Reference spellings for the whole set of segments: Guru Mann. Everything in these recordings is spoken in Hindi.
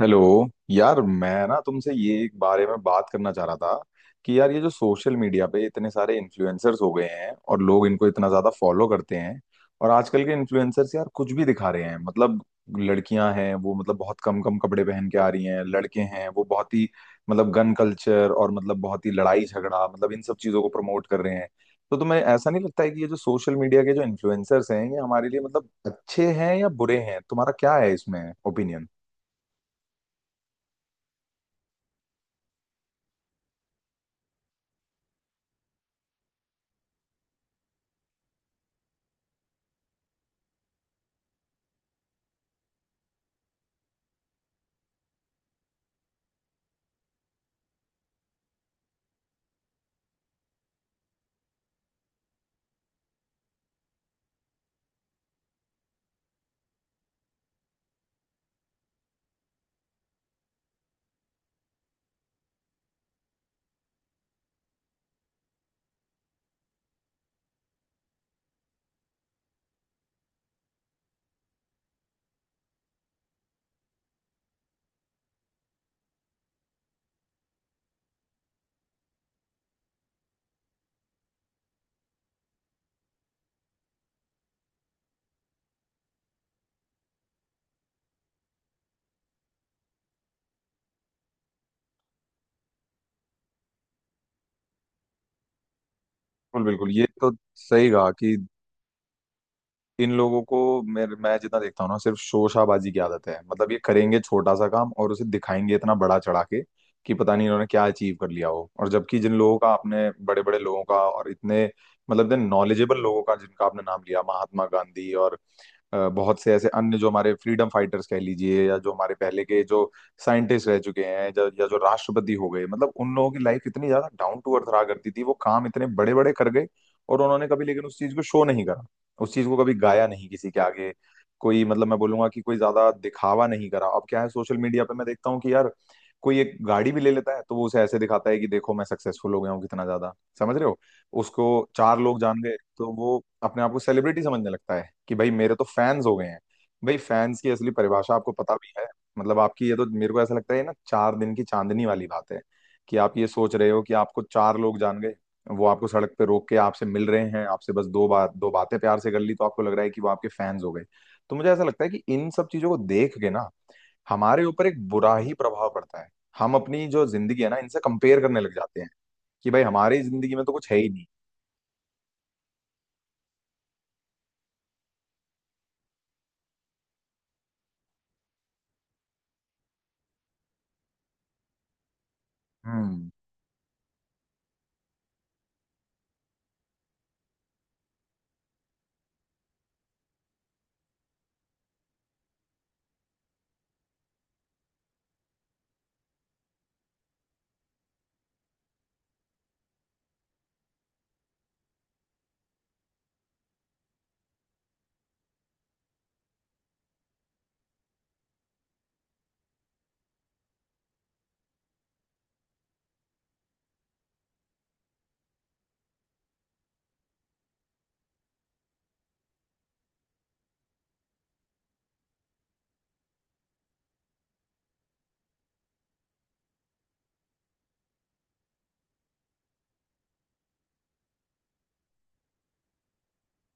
हेलो। यार मैं ना तुमसे ये एक बारे में बात करना चाह रहा था कि यार ये जो सोशल मीडिया पे इतने सारे इन्फ्लुएंसर्स हो गए हैं और लोग इनको इतना ज्यादा फॉलो करते हैं। और आजकल के इन्फ्लुएंसर्स यार कुछ भी दिखा रहे हैं, मतलब लड़कियां हैं वो, मतलब बहुत कम कम कपड़े पहन के आ रही हैं, लड़के हैं वो बहुत ही मतलब गन कल्चर और मतलब बहुत ही लड़ाई झगड़ा, मतलब इन सब चीजों को प्रमोट कर रहे हैं। तो तुम्हें ऐसा नहीं लगता है कि ये जो सोशल मीडिया के जो इन्फ्लुएंसर्स हैं ये हमारे लिए मतलब अच्छे हैं या बुरे हैं? तुम्हारा क्या है इसमें ओपिनियन? बिल्कुल बिल्कुल, ये तो सही कहा। कि इन लोगों को, मेरे मैं जितना देखता हूँ ना, सिर्फ शोशाबाजी की आदत है। मतलब ये करेंगे छोटा सा काम और उसे दिखाएंगे इतना बड़ा चढ़ा के कि पता नहीं इन्होंने क्या अचीव कर लिया हो। और जबकि जिन लोगों का आपने, बड़े बड़े लोगों का और इतने मतलब इतने नॉलेजेबल लोगों का जिनका आपने नाम लिया, महात्मा गांधी और बहुत से ऐसे अन्य जो हमारे फ्रीडम फाइटर्स कह लीजिए या जो हमारे पहले के जो साइंटिस्ट रह चुके हैं, जो, या जो राष्ट्रपति हो गए, मतलब उन लोगों की लाइफ इतनी ज्यादा डाउन टू अर्थ रहा करती थी, वो काम इतने बड़े बड़े कर गए। और उन्होंने कभी लेकिन उस चीज को शो नहीं करा, उस चीज को कभी गाया नहीं किसी के आगे। कोई मतलब मैं बोलूंगा कि कोई ज्यादा दिखावा नहीं करा। अब क्या है सोशल मीडिया पे मैं देखता हूँ कि यार कोई एक गाड़ी भी ले लेता है तो वो उसे ऐसे दिखाता है कि देखो मैं सक्सेसफुल हो गया हूँ कितना ज्यादा। समझ रहे हो उसको? चार लोग जान गए तो वो अपने आप को सेलिब्रिटी समझने लगता है कि भाई मेरे तो फैंस हो गए हैं। भाई फैंस की असली परिभाषा आपको पता भी है? मतलब आपकी, ये तो मेरे को ऐसा लगता है ये ना चार दिन की चांदनी वाली बात है। कि आप ये सोच रहे हो कि आपको चार लोग जान गए, वो आपको सड़क पे रोक के आपसे मिल रहे हैं, आपसे बस दो बातें प्यार से कर ली तो आपको लग रहा है कि वो आपके फैंस हो गए। तो मुझे ऐसा लगता है कि इन सब चीजों को देख के ना हमारे ऊपर एक बुरा ही प्रभाव पड़ता है। हम अपनी जो जिंदगी है ना इनसे कंपेयर करने लग जाते हैं कि भाई हमारी जिंदगी में तो कुछ है ही नहीं। हम्म,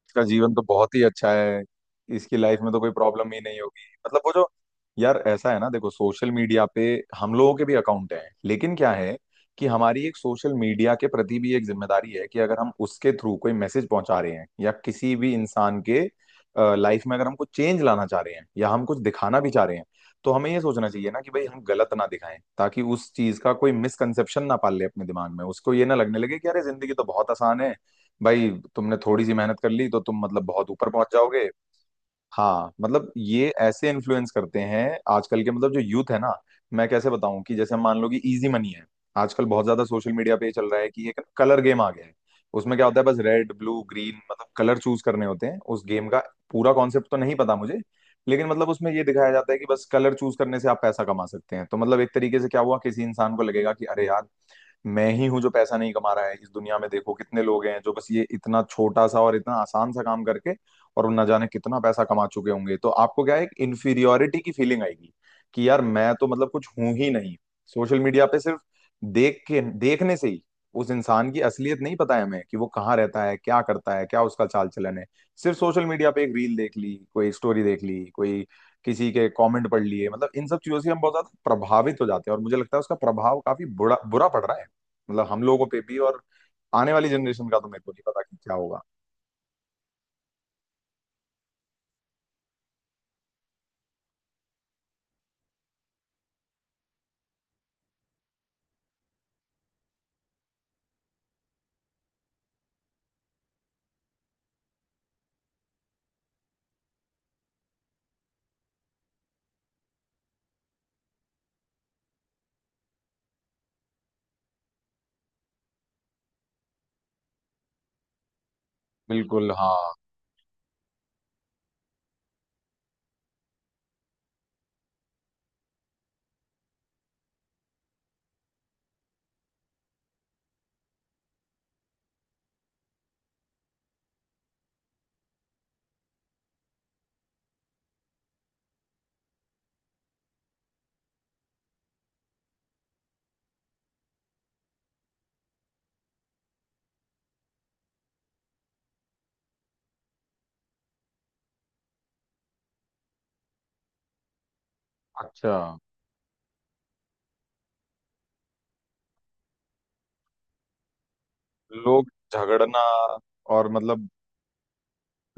इसका जीवन तो बहुत ही अच्छा है। इसकी लाइफ में तो कोई प्रॉब्लम ही नहीं होगी, मतलब वो जो, यार ऐसा है ना, देखो, सोशल मीडिया पे हम लोगों के भी अकाउंट हैं लेकिन क्या है कि हमारी एक सोशल मीडिया के प्रति भी एक जिम्मेदारी है कि अगर हम उसके थ्रू कोई मैसेज पहुंचा रहे हैं या किसी भी इंसान के लाइफ में अगर हम कुछ चेंज लाना चाह रहे हैं या हम कुछ दिखाना भी चाह रहे हैं, तो हमें ये सोचना चाहिए ना कि भाई हम गलत ना दिखाएं, ताकि उस चीज का कोई मिसकंसेप्शन ना पाल ले अपने दिमाग में, उसको ये ना लगने लगे कि अरे जिंदगी तो बहुत आसान है। भाई तुमने थोड़ी सी मेहनत कर ली तो तुम मतलब बहुत ऊपर पहुंच जाओगे। हाँ मतलब ये ऐसे इन्फ्लुएंस करते हैं आजकल के, मतलब जो यूथ है ना। मैं कैसे बताऊं कि जैसे मान लो कि इजी मनी है। आजकल बहुत ज्यादा सोशल मीडिया पे ये चल रहा है कि एक कलर गेम आ गया है। उसमें क्या होता है बस रेड ब्लू ग्रीन मतलब कलर चूज करने होते हैं उस गेम का। पूरा कॉन्सेप्ट तो नहीं पता मुझे। लेकिन मतलब उसमें ये दिखाया जाता है कि बस कलर चूज करने से आप पैसा कमा सकते हैं। तो मतलब एक तरीके से क्या हुआ, किसी इंसान को लगेगा कि अरे यार मैं ही हूँ जो पैसा नहीं कमा रहा है इस दुनिया में, देखो कितने लोग हैं जो बस ये इतना छोटा सा और इतना आसान सा काम करके, और वो न जाने कितना पैसा कमा चुके होंगे। तो आपको क्या है, एक इन्फीरियोरिटी की फीलिंग आएगी कि यार मैं तो मतलब कुछ हूं ही नहीं। सोशल मीडिया पे सिर्फ देख के, देखने से ही उस इंसान की असलियत नहीं पता है हमें कि वो कहाँ रहता है, क्या करता है, क्या उसका चाल चलन है। सिर्फ सोशल मीडिया पे एक रील देख ली, कोई स्टोरी देख ली, कोई किसी के कमेंट पढ़ लिए, मतलब इन सब चीजों से हम बहुत ज्यादा प्रभावित हो जाते हैं और मुझे लगता है उसका प्रभाव काफी बुरा बुरा पड़ रहा है। मतलब हम लोगों पे भी, और आने वाली जनरेशन का तो मेरे को नहीं पता कि क्या होगा। बिल्कुल, हाँ, अच्छा। लोग झगड़ना और मतलब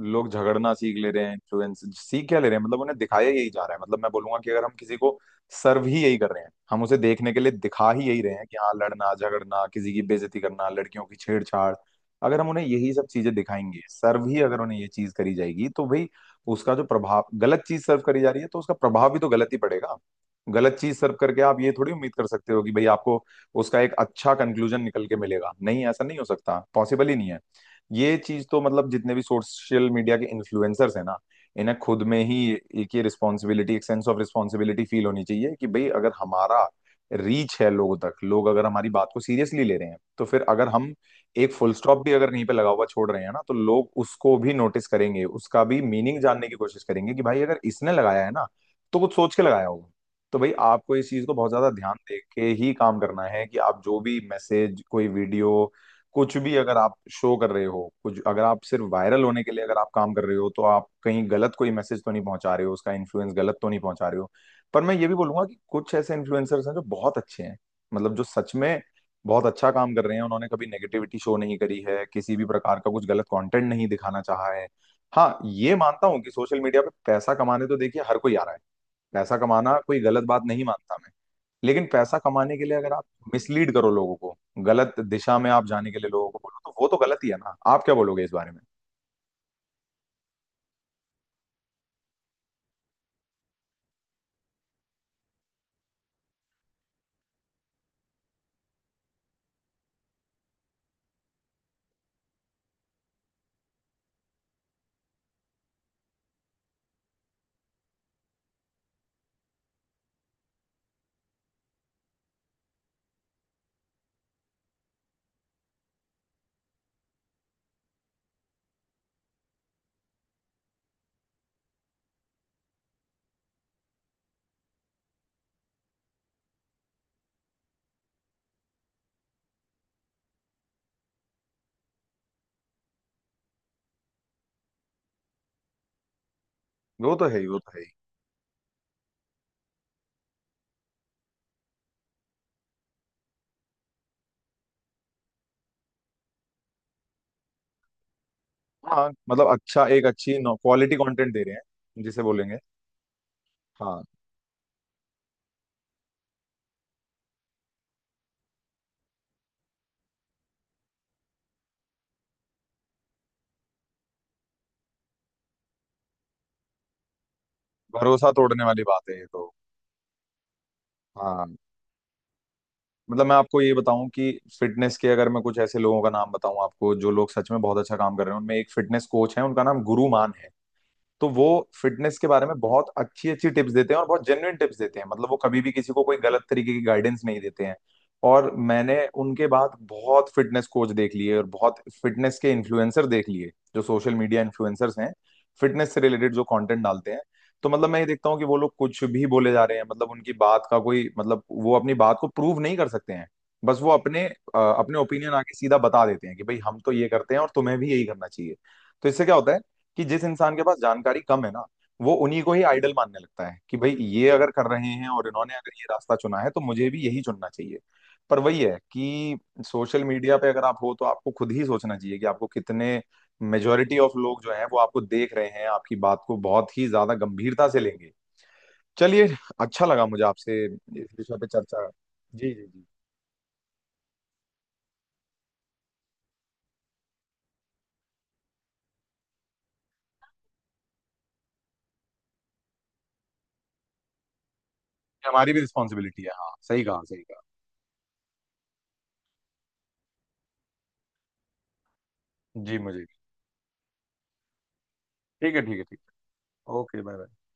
लोग झगड़ना सीख ले रहे हैं, इन्फ्लुएंस सीख क्या ले रहे हैं, मतलब उन्हें दिखाया यही जा रहा है। मतलब मैं बोलूंगा कि अगर हम किसी को सर्व ही यही कर रहे हैं, हम उसे देखने के लिए दिखा ही यही रहे हैं कि हाँ लड़ना झगड़ना, किसी की बेइज्जती करना, लड़कियों की छेड़छाड़, अगर हम उन्हें यही सब चीजें दिखाएंगे, सर्व ही अगर उन्हें ये चीज करी जाएगी तो भाई उसका जो प्रभाव, गलत चीज सर्व करी जा रही है तो उसका प्रभाव भी तो गलत ही पड़ेगा। गलत चीज सर्व करके आप ये थोड़ी उम्मीद कर सकते हो कि भाई आपको उसका एक अच्छा कंक्लूजन निकल के मिलेगा, नहीं ऐसा नहीं हो सकता, पॉसिबल ही नहीं है। ये चीज तो, मतलब जितने भी सोशल मीडिया के इन्फ्लुएंसर्स हैं ना, इन्हें खुद में ही एक ये रिस्पॉन्सिबिलिटी, एक सेंस ऑफ रिस्पॉन्सिबिलिटी फील होनी चाहिए कि भाई अगर हमारा रीच है लोगों तक, लोग अगर हमारी बात को सीरियसली ले रहे हैं तो फिर अगर हम एक फुल स्टॉप भी अगर कहीं पे लगा हुआ छोड़ रहे हैं ना तो लोग उसको भी नोटिस करेंगे, उसका भी मीनिंग जानने की कोशिश करेंगे कि भाई अगर इसने लगाया है ना तो कुछ सोच के लगाया होगा। तो भाई आपको इस चीज को बहुत ज्यादा ध्यान दे के ही काम करना है कि आप जो भी मैसेज, कोई वीडियो, कुछ भी अगर आप शो कर रहे हो, कुछ अगर आप सिर्फ वायरल होने के लिए अगर आप काम कर रहे हो तो आप कहीं गलत कोई मैसेज तो नहीं पहुंचा रहे हो, उसका इन्फ्लुएंस गलत तो नहीं पहुंचा रहे हो। पर मैं ये भी बोलूंगा कि कुछ ऐसे इन्फ्लुएंसर्स हैं जो बहुत अच्छे हैं, मतलब जो सच में बहुत अच्छा काम कर रहे हैं, उन्होंने कभी नेगेटिविटी शो नहीं करी है, किसी भी प्रकार का कुछ गलत कंटेंट नहीं दिखाना चाहा है। हाँ ये मानता हूँ कि सोशल मीडिया पे पैसा कमाने तो देखिए हर कोई आ रहा है। पैसा कमाना कोई गलत बात नहीं मानता मैं। लेकिन पैसा कमाने के लिए अगर आप मिसलीड करो लोगों को, गलत दिशा में आप जाने के लिए लोगों को बोलो, तो वो तो गलत ही है ना, आप क्या बोलोगे इस बारे में? वो तो है ही, वो तो है ही। हाँ मतलब अच्छा, एक अच्छी क्वालिटी कंटेंट दे रहे हैं जिसे बोलेंगे। हाँ, भरोसा तोड़ने वाली बात है ये तो। हाँ, मतलब मैं आपको ये बताऊं कि फिटनेस के अगर मैं कुछ ऐसे लोगों का नाम बताऊं आपको, जो लोग सच में बहुत अच्छा काम कर रहे हैं, उनमें एक फिटनेस कोच है, उनका नाम गुरु मान है। तो वो फिटनेस के बारे में बहुत अच्छी अच्छी टिप्स देते हैं और बहुत जेन्युइन टिप्स देते हैं, मतलब वो कभी भी किसी को कोई गलत तरीके की गाइडेंस नहीं देते हैं। और मैंने उनके बाद बहुत फिटनेस कोच देख लिए और बहुत फिटनेस के इन्फ्लुएंसर देख लिए जो सोशल मीडिया इन्फ्लुएंसर्स हैं, फिटनेस से रिलेटेड जो कंटेंट डालते हैं। तो मतलब मैं ये देखता हूँ कि वो लोग कुछ भी बोले जा रहे हैं, मतलब उनकी बात का कोई मतलब, वो अपनी बात को प्रूव नहीं कर सकते हैं। बस वो अपने अपने ओपिनियन आके सीधा बता देते हैं कि भाई हम तो ये करते हैं और तुम्हें भी यही करना चाहिए। तो इससे क्या होता है कि जिस इंसान के पास जानकारी कम है ना, वो उन्हीं को ही आइडल मानने लगता है कि भाई ये अगर कर रहे हैं और इन्होंने अगर ये रास्ता चुना है तो मुझे भी यही चुनना चाहिए। पर वही है कि सोशल मीडिया पे अगर आप हो तो आपको खुद ही सोचना चाहिए कि आपको कितने, मेजोरिटी ऑफ लोग जो हैं वो आपको देख रहे हैं, आपकी बात को बहुत ही ज्यादा गंभीरता से लेंगे। चलिए, अच्छा लगा मुझे आपसे इस विषय पे चर्चा। जी जी जी। हमारी भी रिस्पॉन्सिबिलिटी है, हाँ, सही कहा सही कहा। जी मुझे भी। ठीक है ठीक है ठीक है, ओके, बाय बाय।